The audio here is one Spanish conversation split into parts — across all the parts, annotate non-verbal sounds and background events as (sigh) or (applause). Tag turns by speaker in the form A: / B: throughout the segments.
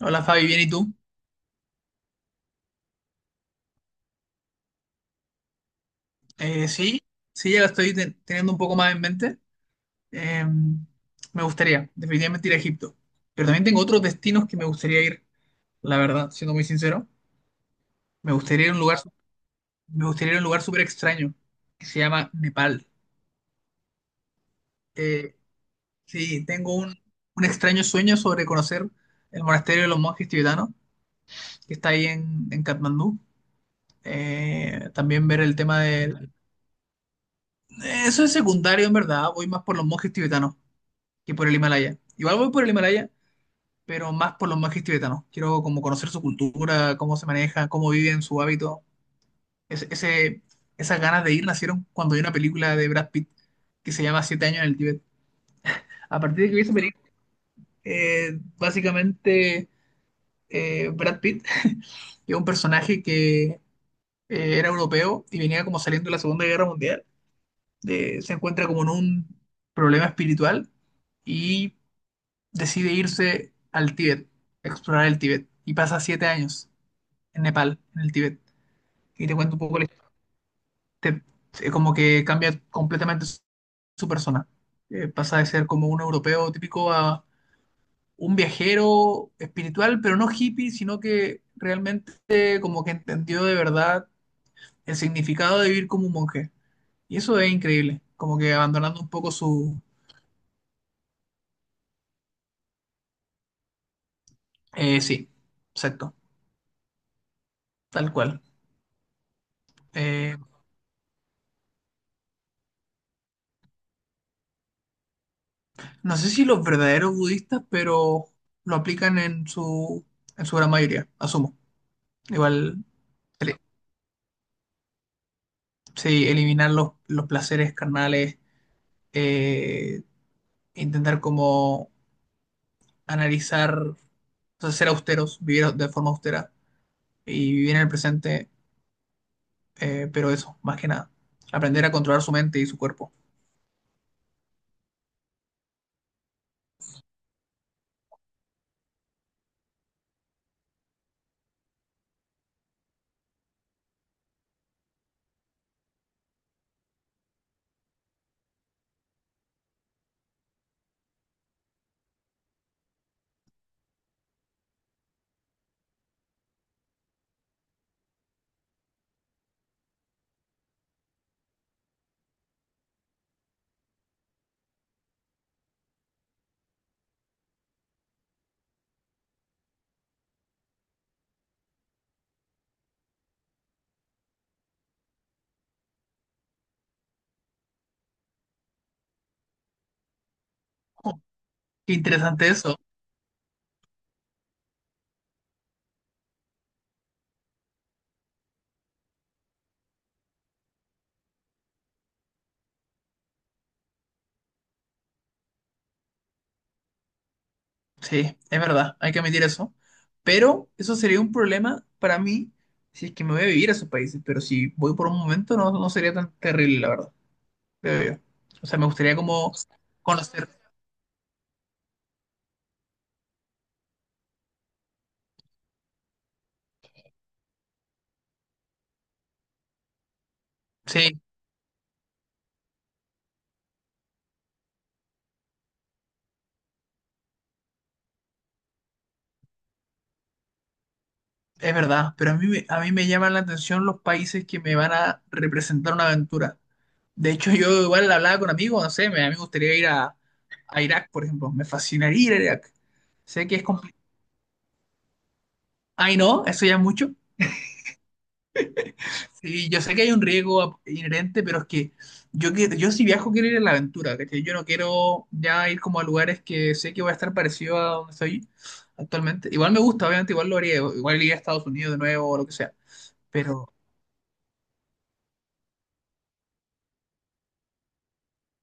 A: Hola Fabi, bien, ¿y tú? Eh, sí, sí, ya la estoy teniendo un poco más en mente. Eh, Me gustaría definitivamente ir a Egipto, pero también tengo otros destinos que me gustaría ir, la verdad, siendo muy sincero. Me gustaría ir a un lugar, me gustaría ir a un lugar súper extraño que se llama Nepal. Eh, sí, tengo un extraño sueño sobre conocer el monasterio de los monjes tibetanos que está ahí en Katmandú. También ver el tema de... Eso es secundario, en verdad, voy más por los monjes tibetanos que por el Himalaya. Igual voy por el Himalaya, pero más por los monjes tibetanos. Quiero como conocer su cultura, cómo se maneja, cómo viven, su hábito. Ese, ese- Esas ganas de ir nacieron cuando vi una película de Brad Pitt que se llama Siete años en el Tíbet. A partir de que vi esa película, básicamente Brad Pitt, (laughs) que es un personaje que era europeo y venía como saliendo de la Segunda Guerra Mundial, se encuentra como en un problema espiritual y decide irse al Tíbet, a explorar el Tíbet, y pasa siete años en Nepal, en el Tíbet. Y te cuento un poco, la historia. Te- Como que cambia completamente su persona. Pasa de ser como un europeo típico a un viajero espiritual, pero no hippie, sino que realmente como que entendió de verdad el significado de vivir como un monje. Y eso es increíble, como que abandonando un poco su... Eh, sí, exacto, tal cual. Eh, No sé si los verdaderos budistas, pero lo aplican en en su gran mayoría, asumo. Igual, ele- sí, eliminar los placeres carnales, eh, intentar como analizar, o sea, ser austeros, vivir de forma austera y vivir en el presente, pero eso, más que nada. Aprender a controlar su mente y su cuerpo. Oh, qué interesante eso. Sí, es verdad, hay que admitir eso. Pero eso sería un problema para mí si es que me voy a vivir a esos países. Pero si voy por un momento, no, no sería tan terrible, la verdad. Creo yo. O sea, me gustaría como conocer. Sí, es verdad. Pero a mí, a mí me llaman la atención los países que me van a representar una aventura. De hecho, (laughs) yo igual hablaba con amigos, no sé, me, a mí me gustaría ir a Irak, por ejemplo. Me fascinaría ir a Irak. Sé que es complicado. Ay, no, eso ya es mucho. Sí, yo sé que hay un riesgo inherente, pero es que yo si viajo quiero ir a la aventura, ¿cachai? Yo no quiero ya ir como a lugares que sé que voy a estar parecido a donde estoy actualmente. Igual me gusta, obviamente, igual lo haría, igual iría a Estados Unidos de nuevo o lo que sea, pero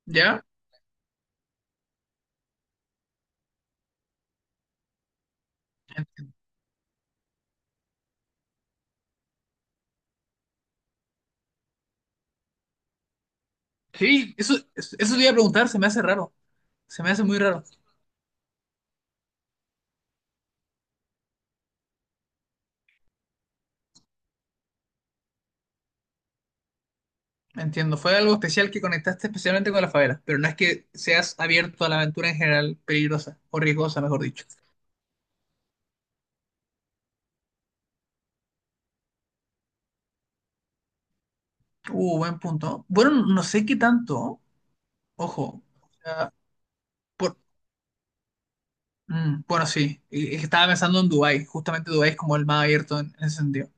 A: ya. Entiendo. Sí, eso te iba a preguntar, se me hace raro, se me hace muy raro. Entiendo. Fue algo especial que conectaste especialmente con la favela, pero no es que seas abierto a la aventura en general peligrosa o riesgosa, mejor dicho. Buen punto. Bueno, no sé qué tanto. Ojo, o sea, por, bueno, sí, es que estaba pensando en Dubái, justamente Dubái es como el más abierto en ese sentido.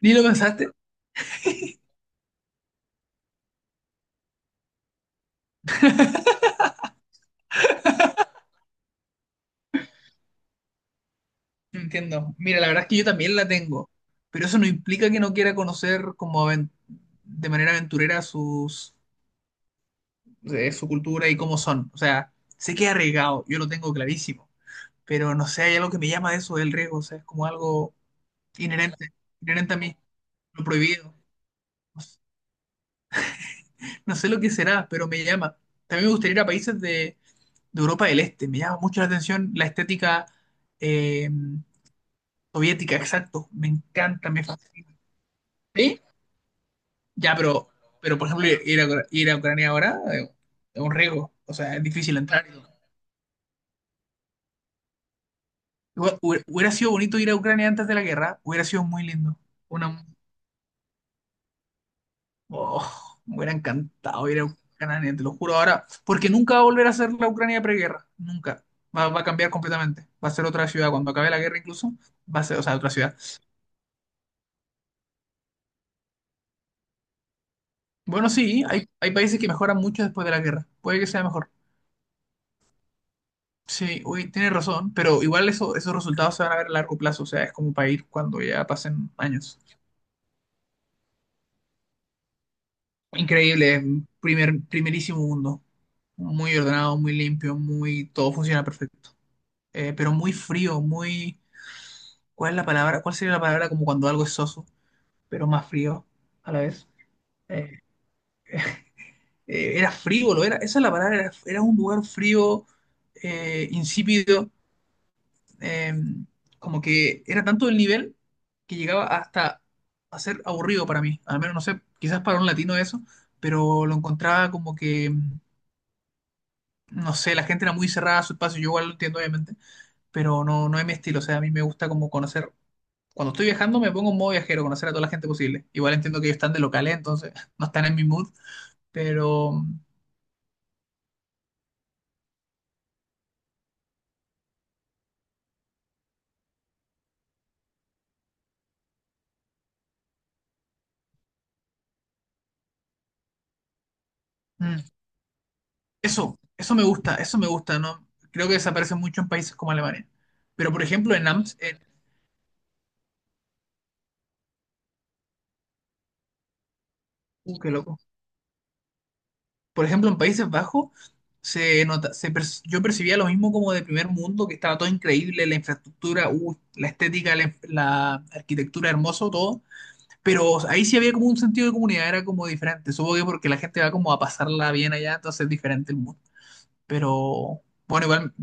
A: ¿Ni lo pensaste? No entiendo. Mira, la verdad es que yo también la tengo, pero eso no implica que no quiera conocer como de manera aventurera sus, su cultura y cómo son. O sea, sé que es arriesgado, yo lo tengo clarísimo, pero no sé, hay algo que me llama de eso, del riesgo, o sea, es como algo inherente, inherente a mí, lo prohibido. No sé lo que será, pero me llama. También me gustaría ir a países de Europa del Este. Me llama mucho la atención la estética eh, soviética, exacto. Me encanta, me fascina. ¿Sí? Ya, pero por ejemplo, ir a, ir a Ucrania ahora es un riesgo. O sea, es difícil entrar. Y todo. Hubiera sido bonito ir a Ucrania antes de la guerra. Hubiera sido muy lindo. Una, oh, me hubiera encantado ir a Ucrania, te lo juro ahora. Porque nunca va a volver a ser la Ucrania preguerra. Nunca. Va a cambiar completamente. Va a ser otra ciudad. Cuando acabe la guerra incluso, va a ser, o sea, otra ciudad. Bueno, sí, hay países que mejoran mucho después de la guerra. Puede que sea mejor. Sí, uy, tienes razón, pero igual eso, esos resultados se van a ver a largo plazo, o sea, es como para ir cuando ya pasen años. Increíble, es un primerísimo mundo. Muy ordenado, muy limpio, muy, todo funciona perfecto. Pero muy frío, muy, ¿cuál es la palabra? ¿Cuál sería la palabra como cuando algo es soso, pero más frío a la vez? Eh, Era frívolo, era, esa es la palabra, era, era un lugar frío, insípido, eh, como que era tanto el nivel que llegaba hasta a ser aburrido para mí. Al menos, no sé, quizás para un latino eso, pero lo encontraba como que, mm, no sé, la gente era muy cerrada a su espacio, yo igual lo entiendo obviamente, pero no, no es mi estilo, o sea, a mí me gusta como conocer, cuando estoy viajando me pongo en modo viajero, conocer a toda la gente posible. Igual entiendo que ellos están de locales, entonces (laughs) no están en mi mood, pero mm, eso me gusta, ¿no? Creo que desaparece mucho en países como Alemania. Pero por ejemplo en Amps, en... qué loco. Por ejemplo, en Países Bajos se nota, yo percibía lo mismo como de primer mundo, que estaba todo increíble, la infraestructura, la estética, la arquitectura, hermoso, todo. Pero ahí sí había como un sentido de comunidad, era como diferente. Supongo que porque la gente va como a pasarla bien allá, entonces es diferente el mundo. Pero bueno, igual.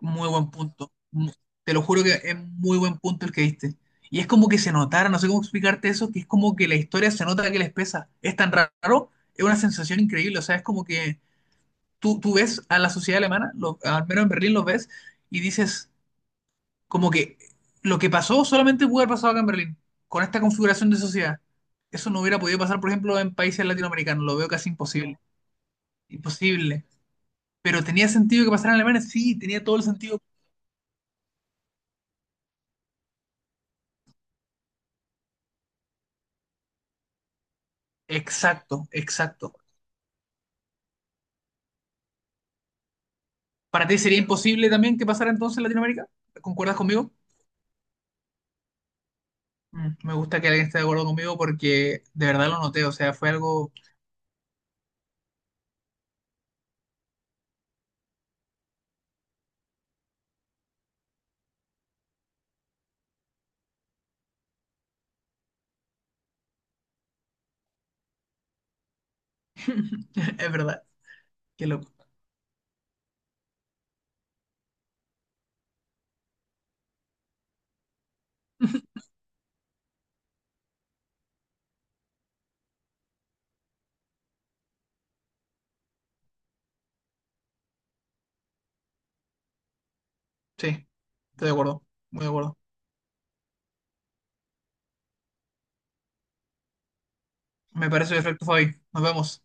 A: Muy buen punto. Te lo juro que es muy buen punto el que diste. Y es como que se notara, no sé cómo explicarte eso, que es como que la historia se nota que les pesa. Es tan raro, es una sensación increíble. O sea, es como que tú ves a la sociedad alemana, al menos en Berlín los ves, y dices como que lo que pasó solamente pudo haber pasado acá en Berlín, con esta configuración de sociedad. Eso no hubiera podido pasar, por ejemplo, en países latinoamericanos. Lo veo casi imposible. Imposible. Pero tenía sentido que pasara en Alemania, sí, tenía todo el sentido. Exacto, exacto. ¿Para ti sería imposible también que pasara entonces en Latinoamérica? ¿Concuerdas conmigo? Mm, me gusta que alguien esté de acuerdo conmigo porque de verdad lo noté, o sea, fue algo... (laughs) Es verdad, qué loco. Sí, estoy de acuerdo, muy de acuerdo. Me parece perfecto, Fabi. Nos vemos.